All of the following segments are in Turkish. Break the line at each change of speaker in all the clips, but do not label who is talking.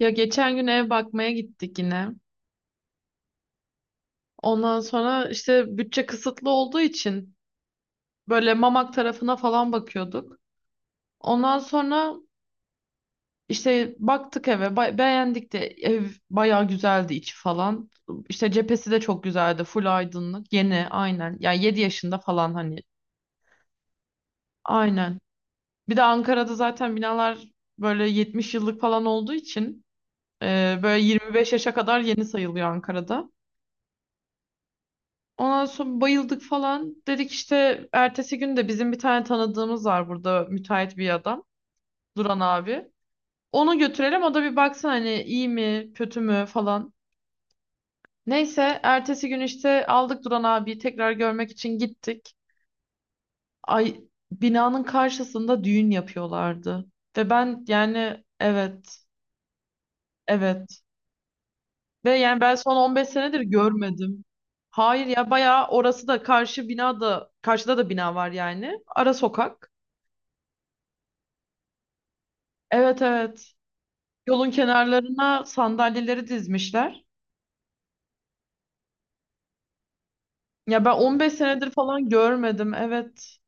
Ya geçen gün ev bakmaya gittik yine. Ondan sonra işte bütçe kısıtlı olduğu için böyle Mamak tarafına falan bakıyorduk. Ondan sonra işte baktık eve, beğendik de ev bayağı güzeldi içi falan. İşte cephesi de çok güzeldi, full aydınlık, yeni aynen. Yani 7 yaşında falan hani aynen. Bir de Ankara'da zaten binalar böyle 70 yıllık falan olduğu için böyle 25 yaşa kadar yeni sayılıyor Ankara'da. Ondan sonra bayıldık falan. Dedik işte ertesi gün de bizim bir tane tanıdığımız var burada müteahhit bir adam. Duran abi. Onu götürelim o da bir baksın hani iyi mi kötü mü falan. Neyse ertesi gün işte aldık Duran abiyi tekrar görmek için gittik. Ay, binanın karşısında düğün yapıyorlardı. Ve ben yani evet, evet. Ve yani ben son 15 senedir görmedim. Hayır ya, bayağı orası da karşı binada, karşıda da bina var yani. Ara sokak. Evet, evet. Yolun kenarlarına sandalyeleri dizmişler. Ya ben 15 senedir falan görmedim. Evet.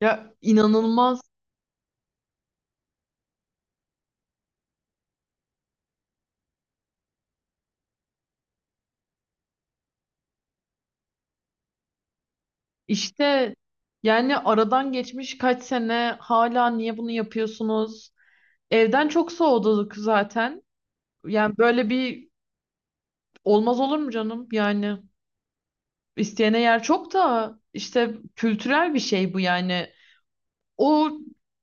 Ya inanılmaz. İşte yani aradan geçmiş kaç sene, hala niye bunu yapıyorsunuz? Evden çok soğuduk zaten. Yani böyle bir olmaz olur mu canım? Yani isteyene yer çok, da işte kültürel bir şey bu yani. O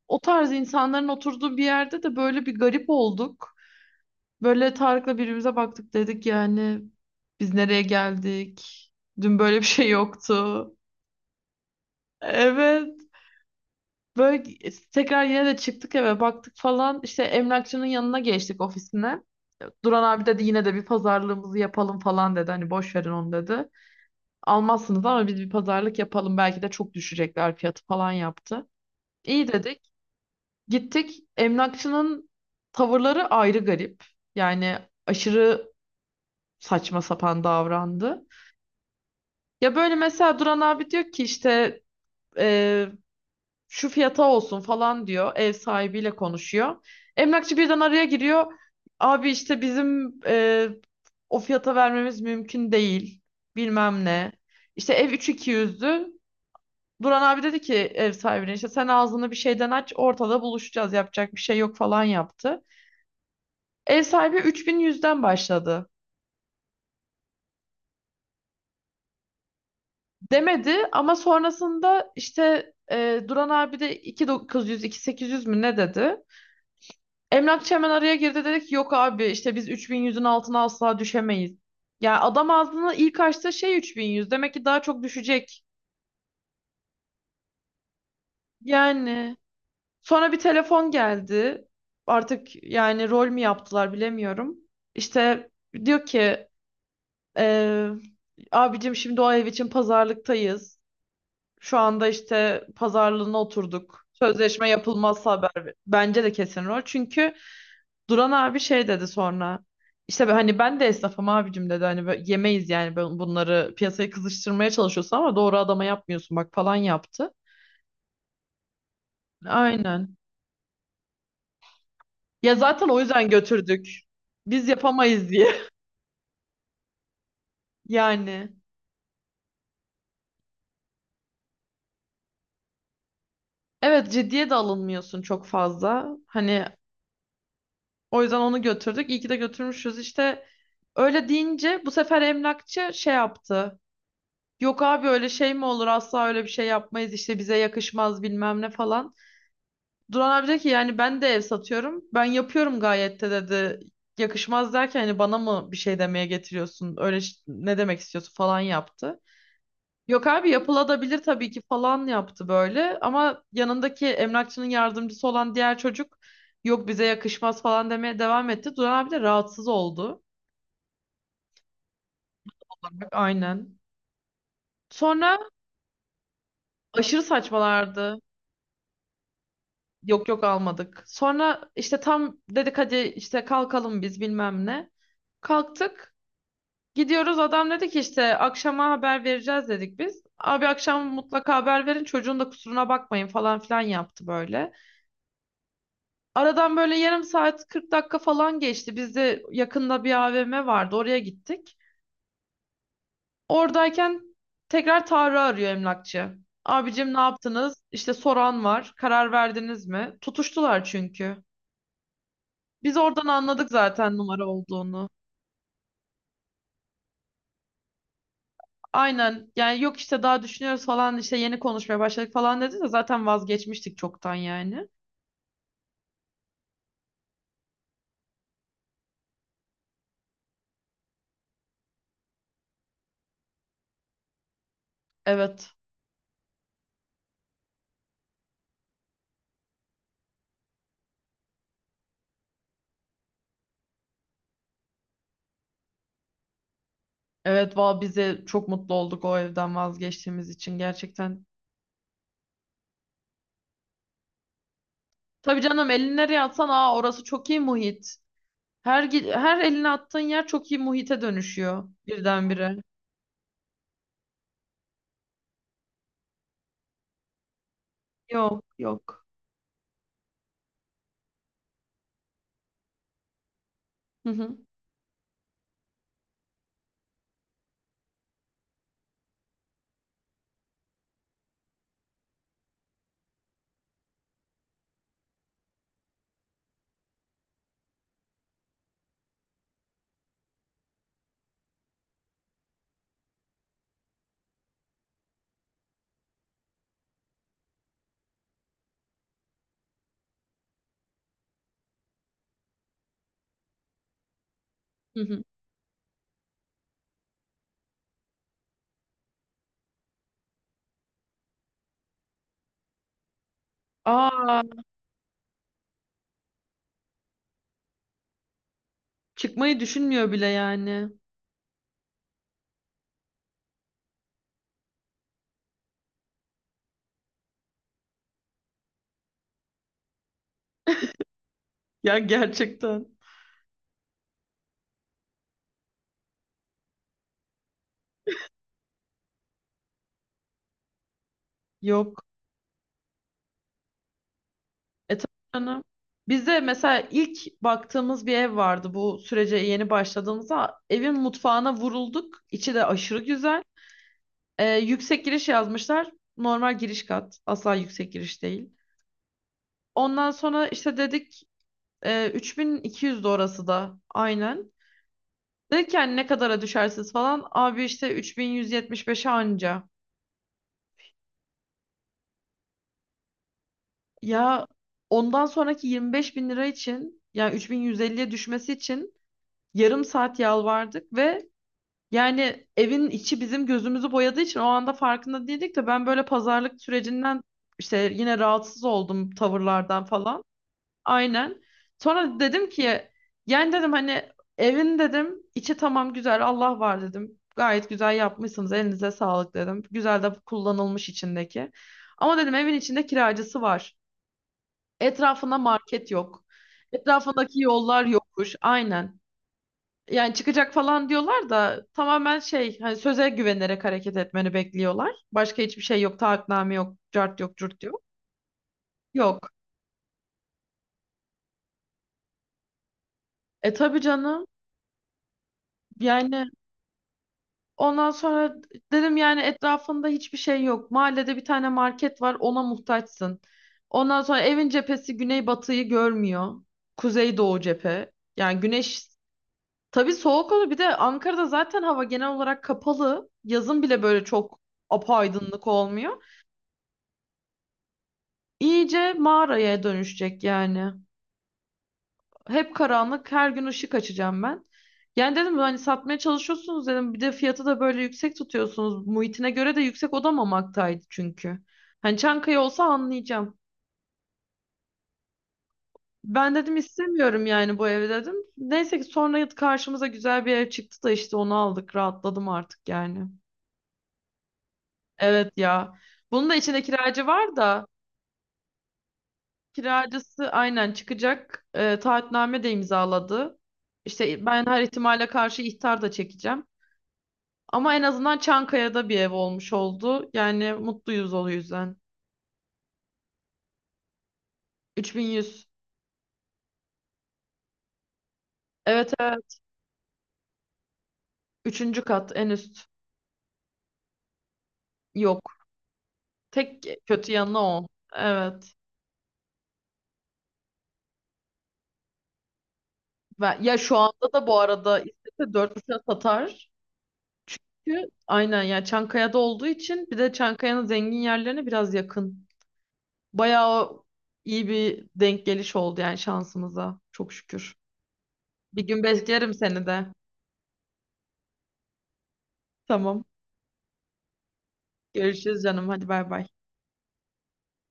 o tarz insanların oturduğu bir yerde de böyle bir garip olduk. Böyle Tarık'la birbirimize baktık, dedik yani biz nereye geldik? Dün böyle bir şey yoktu. Evet. Böyle tekrar yine de çıktık, eve baktık falan. İşte emlakçının yanına geçtik, ofisine. Duran abi dedi yine de bir pazarlığımızı yapalım falan dedi. Hani boş verin onu dedi. Almazsınız ama biz bir pazarlık yapalım. Belki de çok düşecekler fiyatı falan yaptı. İyi dedik. Gittik. Emlakçının tavırları ayrı garip. Yani aşırı saçma sapan davrandı. Ya böyle mesela Duran abi diyor ki işte e, şu fiyata olsun falan diyor. Ev sahibiyle konuşuyor. Emlakçı birden araya giriyor. Abi işte bizim o fiyata vermemiz mümkün değil. Bilmem ne. İşte ev 3200'dü. Duran abi dedi ki ev sahibine işte sen ağzını bir şeyden aç, ortada buluşacağız, yapacak bir şey yok falan yaptı. Ev sahibi 3100'den başladı. Demedi ama sonrasında işte Duran abi de 2900 2800 mü ne dedi? Emlakçı hemen araya girdi, dedi ki yok abi işte biz 3100'ün altına asla düşemeyiz. Ya adam ağzını ilk açtığı şey 3100, demek ki daha çok düşecek. Yani sonra bir telefon geldi. Artık yani rol mü yaptılar bilemiyorum. İşte diyor ki e, abicim şimdi o ev için pazarlıktayız. Şu anda işte pazarlığına oturduk. Sözleşme yapılmazsa haber bence de kesin rol. Çünkü Duran abi şey dedi sonra. İşte hani ben de esnafım abicim dedi. Hani böyle yemeyiz yani, ben bunları piyasaya kızıştırmaya çalışıyorsun ama doğru adama yapmıyorsun bak falan yaptı. Aynen. Ya zaten o yüzden götürdük. Biz yapamayız diye. Yani. Evet, ciddiye de alınmıyorsun çok fazla. Hani o yüzden onu götürdük. İyi ki de götürmüşüz. İşte öyle deyince bu sefer emlakçı şey yaptı. Yok abi öyle şey mi olur, asla öyle bir şey yapmayız, işte bize yakışmaz bilmem ne falan. Duran abi dedi ki yani ben de ev satıyorum, ben yapıyorum gayet de dedi. Yakışmaz derken hani bana mı bir şey demeye getiriyorsun, öyle ne demek istiyorsun falan yaptı. Yok abi yapılabilir tabii ki falan yaptı böyle, ama yanındaki emlakçının yardımcısı olan diğer çocuk yok bize yakışmaz falan demeye devam etti. Duran abi de rahatsız oldu. Olarak, aynen. Sonra aşırı saçmalardı. Yok, yok, almadık. Sonra işte tam dedik hadi işte kalkalım biz bilmem ne. Kalktık. Gidiyoruz, adam dedi ki işte akşama haber vereceğiz dedik biz. Abi akşam mutlaka haber verin, çocuğun da kusuruna bakmayın falan filan yaptı böyle. Aradan böyle yarım saat 40 dakika falan geçti. Biz de yakında bir AVM vardı, oraya gittik. Oradayken tekrar Tarık'ı arıyor emlakçı. Abicim ne yaptınız? İşte soran var. Karar verdiniz mi? Tutuştular çünkü. Biz oradan anladık zaten numara olduğunu. Aynen yani, yok işte daha düşünüyoruz falan, işte yeni konuşmaya başladık falan dedi, de zaten vazgeçmiştik çoktan yani. Evet. Evet valla, biz de çok mutlu olduk o evden vazgeçtiğimiz için gerçekten. Tabii canım, elini nereye atsan aa orası çok iyi muhit. Her her elini attığın yer çok iyi muhite dönüşüyor birdenbire. Yok, yok. Hı hı, hı hı. Aa, çıkmayı düşünmüyor bile yani. Ya gerçekten. Yok. E tabii canım. Bizde mesela ilk baktığımız bir ev vardı bu sürece yeni başladığımızda. Evin mutfağına vurulduk. İçi de aşırı güzel. Yüksek giriş yazmışlar. Normal giriş kat. Asla yüksek giriş değil. Ondan sonra işte dedik 3200'dü orası da. Aynen. Dedik yani ne kadara düşersiniz falan. Abi işte 3175'e anca. Ya ondan sonraki 25 bin lira için yani 3150'ye düşmesi için yarım saat yalvardık ve yani evin içi bizim gözümüzü boyadığı için o anda farkında değildik, de ben böyle pazarlık sürecinden işte yine rahatsız oldum tavırlardan falan. Aynen. Sonra dedim ki yani dedim hani evin dedim içi tamam güzel, Allah var dedim. Gayet güzel yapmışsınız, elinize sağlık dedim. Güzel de kullanılmış içindeki. Ama dedim evin içinde kiracısı var. Etrafında market yok. Etrafındaki yollar yokmuş. Aynen. Yani çıkacak falan diyorlar da tamamen şey, hani söze güvenerek hareket etmeni bekliyorlar. Başka hiçbir şey yok. Taahhütname yok. Cart yok. Cürt yok. Yok. E tabii canım. Yani ondan sonra dedim yani etrafında hiçbir şey yok. Mahallede bir tane market var. Ona muhtaçsın. Ondan sonra evin cephesi güney batıyı görmüyor. Kuzey doğu cephe. Yani güneş. Tabii soğuk olur. Bir de Ankara'da zaten hava genel olarak kapalı. Yazın bile böyle çok apaydınlık olmuyor. İyice mağaraya dönüşecek yani. Hep karanlık, her gün ışık açacağım ben. Yani dedim hani satmaya çalışıyorsunuz dedim. Bir de fiyatı da böyle yüksek tutuyorsunuz. Muhitine göre de yüksek odamamaktaydı çünkü. Hani Çankaya olsa anlayacağım. Ben dedim istemiyorum yani bu evi dedim. Neyse ki sonra karşımıza güzel bir ev çıktı da işte onu aldık. Rahatladım artık yani. Evet ya. Bunun da içinde kiracı var da kiracısı aynen çıkacak. Taahhütname de imzaladı. İşte ben her ihtimale karşı ihtar da çekeceğim. Ama en azından Çankaya'da bir ev olmuş oldu. Yani mutluyuz o yüzden. 3100. Evet, evet. Üçüncü kat en üst. Yok. Tek kötü yanı o. Evet. Ya şu anda da bu arada istese 4.5'a satar. Çünkü aynen ya Çankaya'da olduğu için, bir de Çankaya'nın zengin yerlerine biraz yakın. Bayağı iyi bir denk geliş oldu yani şansımıza. Çok şükür. Bir gün beklerim seni de. Tamam. Görüşürüz canım. Hadi bay bay.